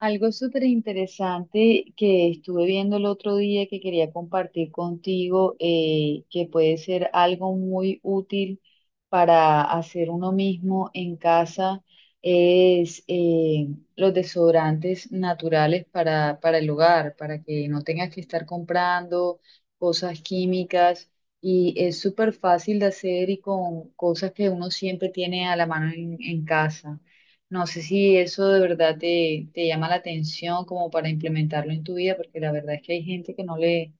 Algo súper interesante que estuve viendo el otro día que quería compartir contigo, que puede ser algo muy útil para hacer uno mismo en casa, es los desodorantes naturales para el hogar, para que no tengas que estar comprando cosas químicas. Y es súper fácil de hacer y con cosas que uno siempre tiene a la mano en casa. No sé si eso de verdad te llama la atención como para implementarlo en tu vida, porque la verdad es que hay gente que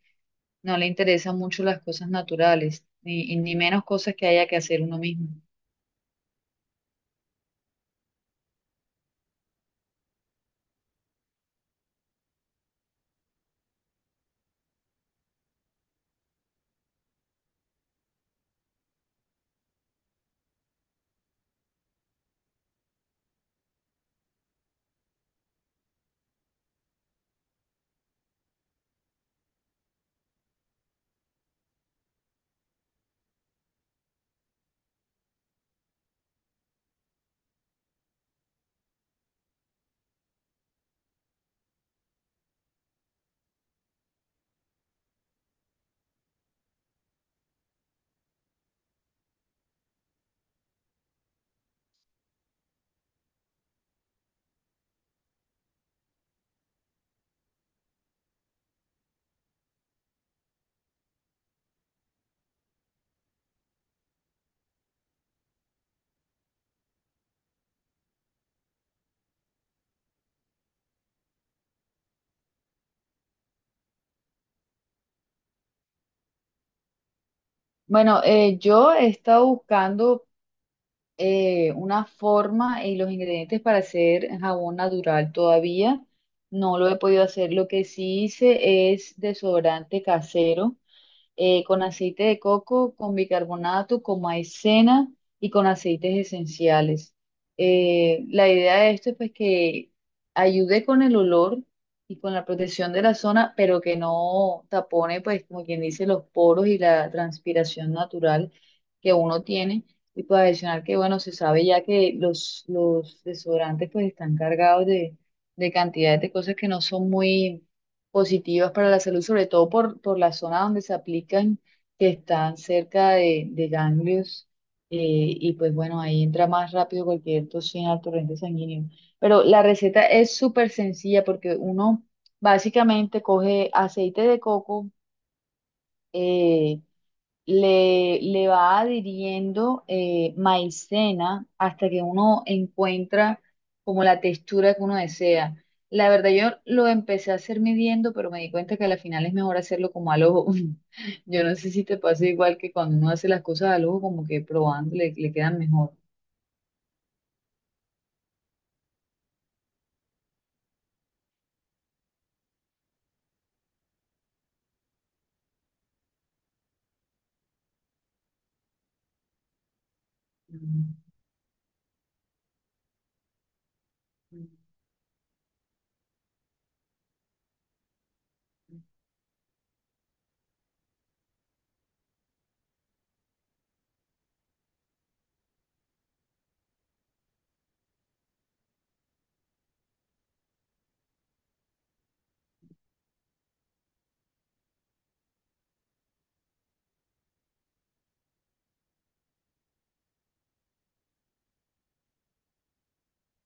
no le interesan mucho las cosas naturales, ni, y ni menos cosas que haya que hacer uno mismo. Bueno, yo he estado buscando una forma y los ingredientes para hacer jabón natural todavía. No lo he podido hacer. Lo que sí hice es desodorante casero con aceite de coco, con bicarbonato, con maicena y con aceites esenciales. La idea de esto es pues que ayude con el olor y con la protección de la zona, pero que no tapone, pues como quien dice, los poros y la transpiración natural que uno tiene. Y pues adicional que, bueno, se sabe ya que los desodorantes pues están cargados de cantidades de cosas que no son muy positivas para la salud, sobre todo por la zona donde se aplican, que están cerca de ganglios, y pues bueno, ahí entra más rápido cualquier toxina al torrente sanguíneo. Pero la receta es súper sencilla porque uno básicamente coge aceite de coco, eh, le va adhiriendo maicena hasta que uno encuentra como la textura que uno desea. La verdad, yo lo empecé a hacer midiendo, pero me di cuenta que al final es mejor hacerlo como al ojo. Yo no sé si te pasa igual que cuando uno hace las cosas al ojo, como que probando le quedan mejor. Mm.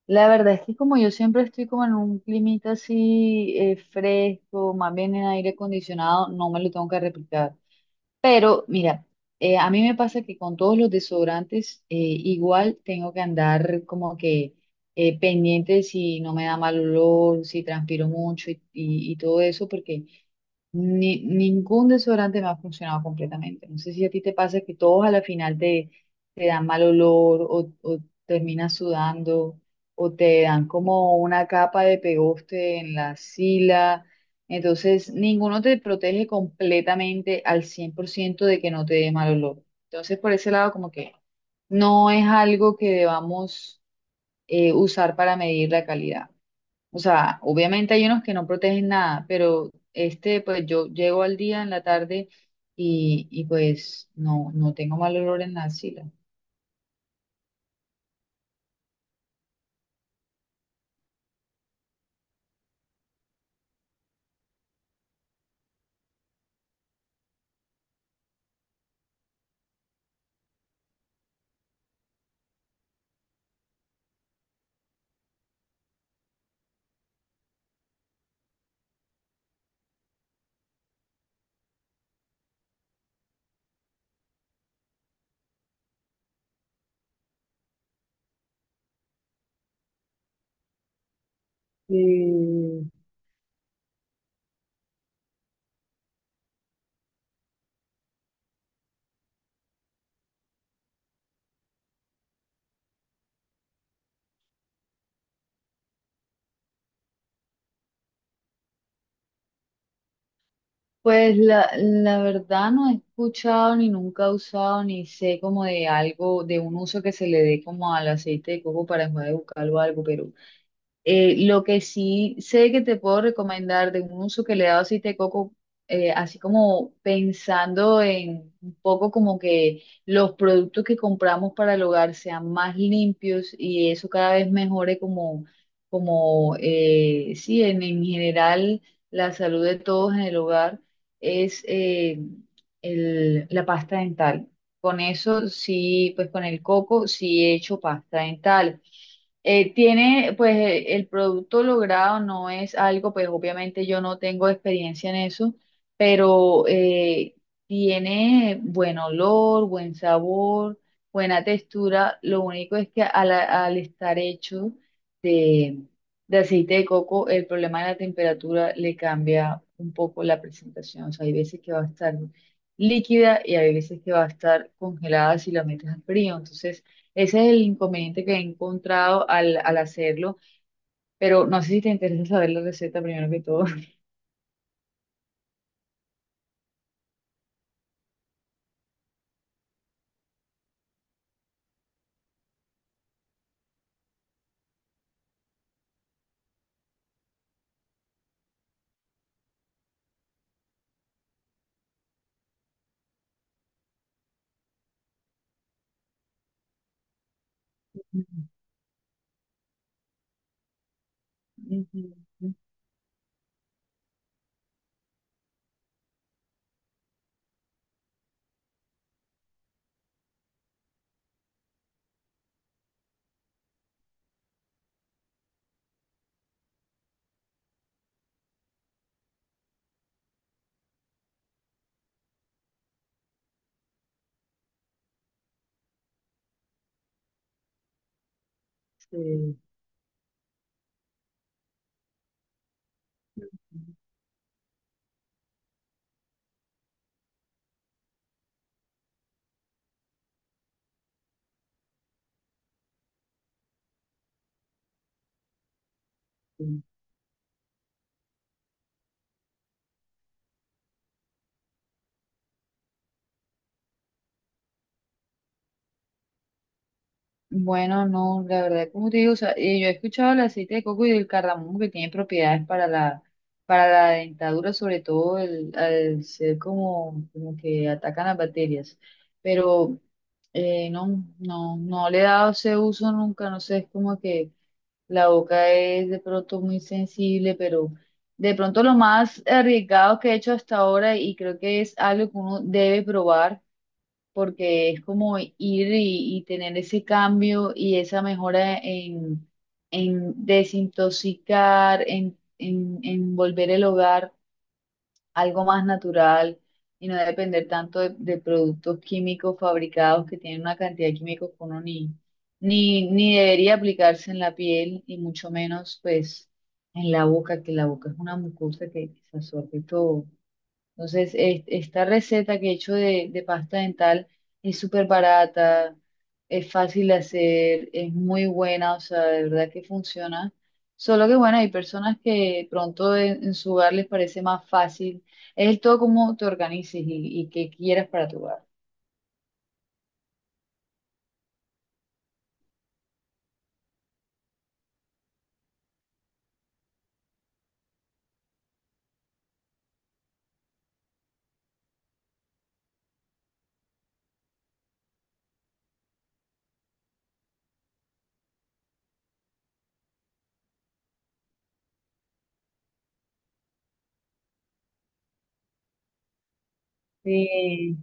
La verdad es que como yo siempre estoy como en un climita así fresco, más bien en aire acondicionado, no me lo tengo que replicar. Pero mira, a mí me pasa que con todos los desodorantes igual tengo que andar como que pendiente si no me da mal olor, si transpiro mucho y todo eso, porque ni, ningún desodorante me ha funcionado completamente. No sé si a ti te pasa que todos a la final te dan mal olor o terminas sudando o te dan como una capa de pegoste en la sila. Entonces, ninguno te protege completamente al 100% de que no te dé mal olor. Entonces, por ese lado, como que no es algo que debamos usar para medir la calidad. O sea, obviamente hay unos que no protegen nada, pero este, pues yo llego al día en la tarde y pues no tengo mal olor en la axila. Mm. Pues la verdad no he escuchado ni nunca he usado ni sé como de algo, de un uso que se le dé como al aceite de coco para enjuague bucal o algo, pero lo que sí sé que te puedo recomendar de un uso que le he dado aceite de coco, así como pensando en un poco como que los productos que compramos para el hogar sean más limpios y eso cada vez mejore como, como sí, en general la salud de todos en el hogar, es la pasta dental. Con eso sí, pues con el coco sí he hecho pasta dental tiene, pues el producto logrado no es algo, pues obviamente yo no tengo experiencia en eso, pero tiene buen olor, buen sabor, buena textura. Lo único es que al estar hecho de, de aceite de coco, el problema de la temperatura le cambia un poco la presentación. O sea, hay veces que va a estar líquida y hay veces que va a estar congelada si la metes al frío. Entonces, ese es el inconveniente que he encontrado al hacerlo, pero no sé si te interesa saber la receta primero que todo. Ujú, sí, sí. Bueno, no, la verdad, como te digo, o sea, yo he escuchado el aceite de coco y el cardamomo que tienen propiedades para para la dentadura, sobre todo el, al ser como, como que atacan las bacterias, pero no le he dado ese uso nunca, no sé, es como que la boca es de pronto muy sensible, pero de pronto lo más arriesgado que he hecho hasta ahora y creo que es algo que uno debe probar porque es como ir y tener ese cambio y esa mejora en desintoxicar, en volver el hogar algo más natural y no depender tanto de productos químicos fabricados que tienen una cantidad de químicos que uno ni debería aplicarse en la piel y mucho menos pues en la boca, que la boca es una mucosa que se absorbe todo. Entonces, esta receta que he hecho de pasta dental es súper barata, es fácil de hacer, es muy buena, o sea, de verdad que funciona. Solo que, bueno, hay personas que pronto en su hogar les parece más fácil. Es el todo como te organices y qué quieras para tu hogar. Sí.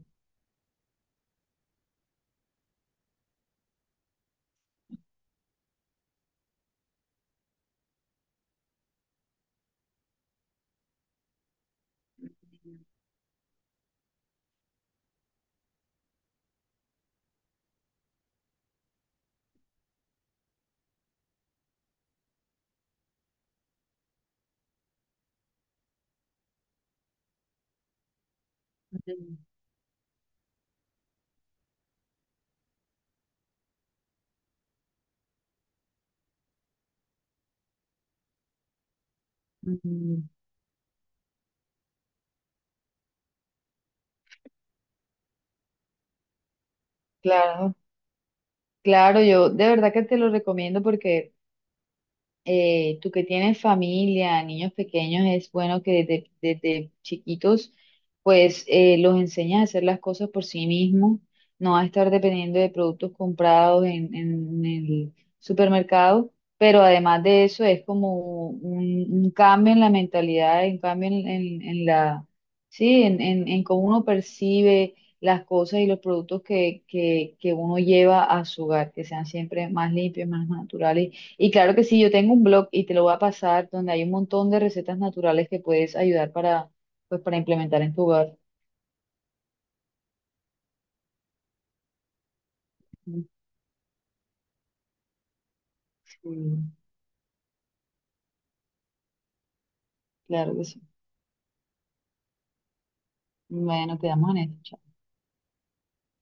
Mm. mm, Claro, claro, yo de verdad que te lo recomiendo porque tú que tienes familia, niños pequeños, es bueno que desde chiquitos pues los enseñes a hacer las cosas por sí mismos, no a estar dependiendo de productos comprados en el supermercado, pero además de eso es como un cambio en la mentalidad, un cambio en, en la, sí, en cómo uno percibe las cosas y los productos que uno lleva a su hogar, que sean siempre más limpios, más naturales y claro que sí, yo tengo un blog y te lo voy a pasar donde hay un montón de recetas naturales que puedes ayudar para, pues, para implementar en tu hogar. Sí, claro que sí. Bueno, quedamos en esto. Chao.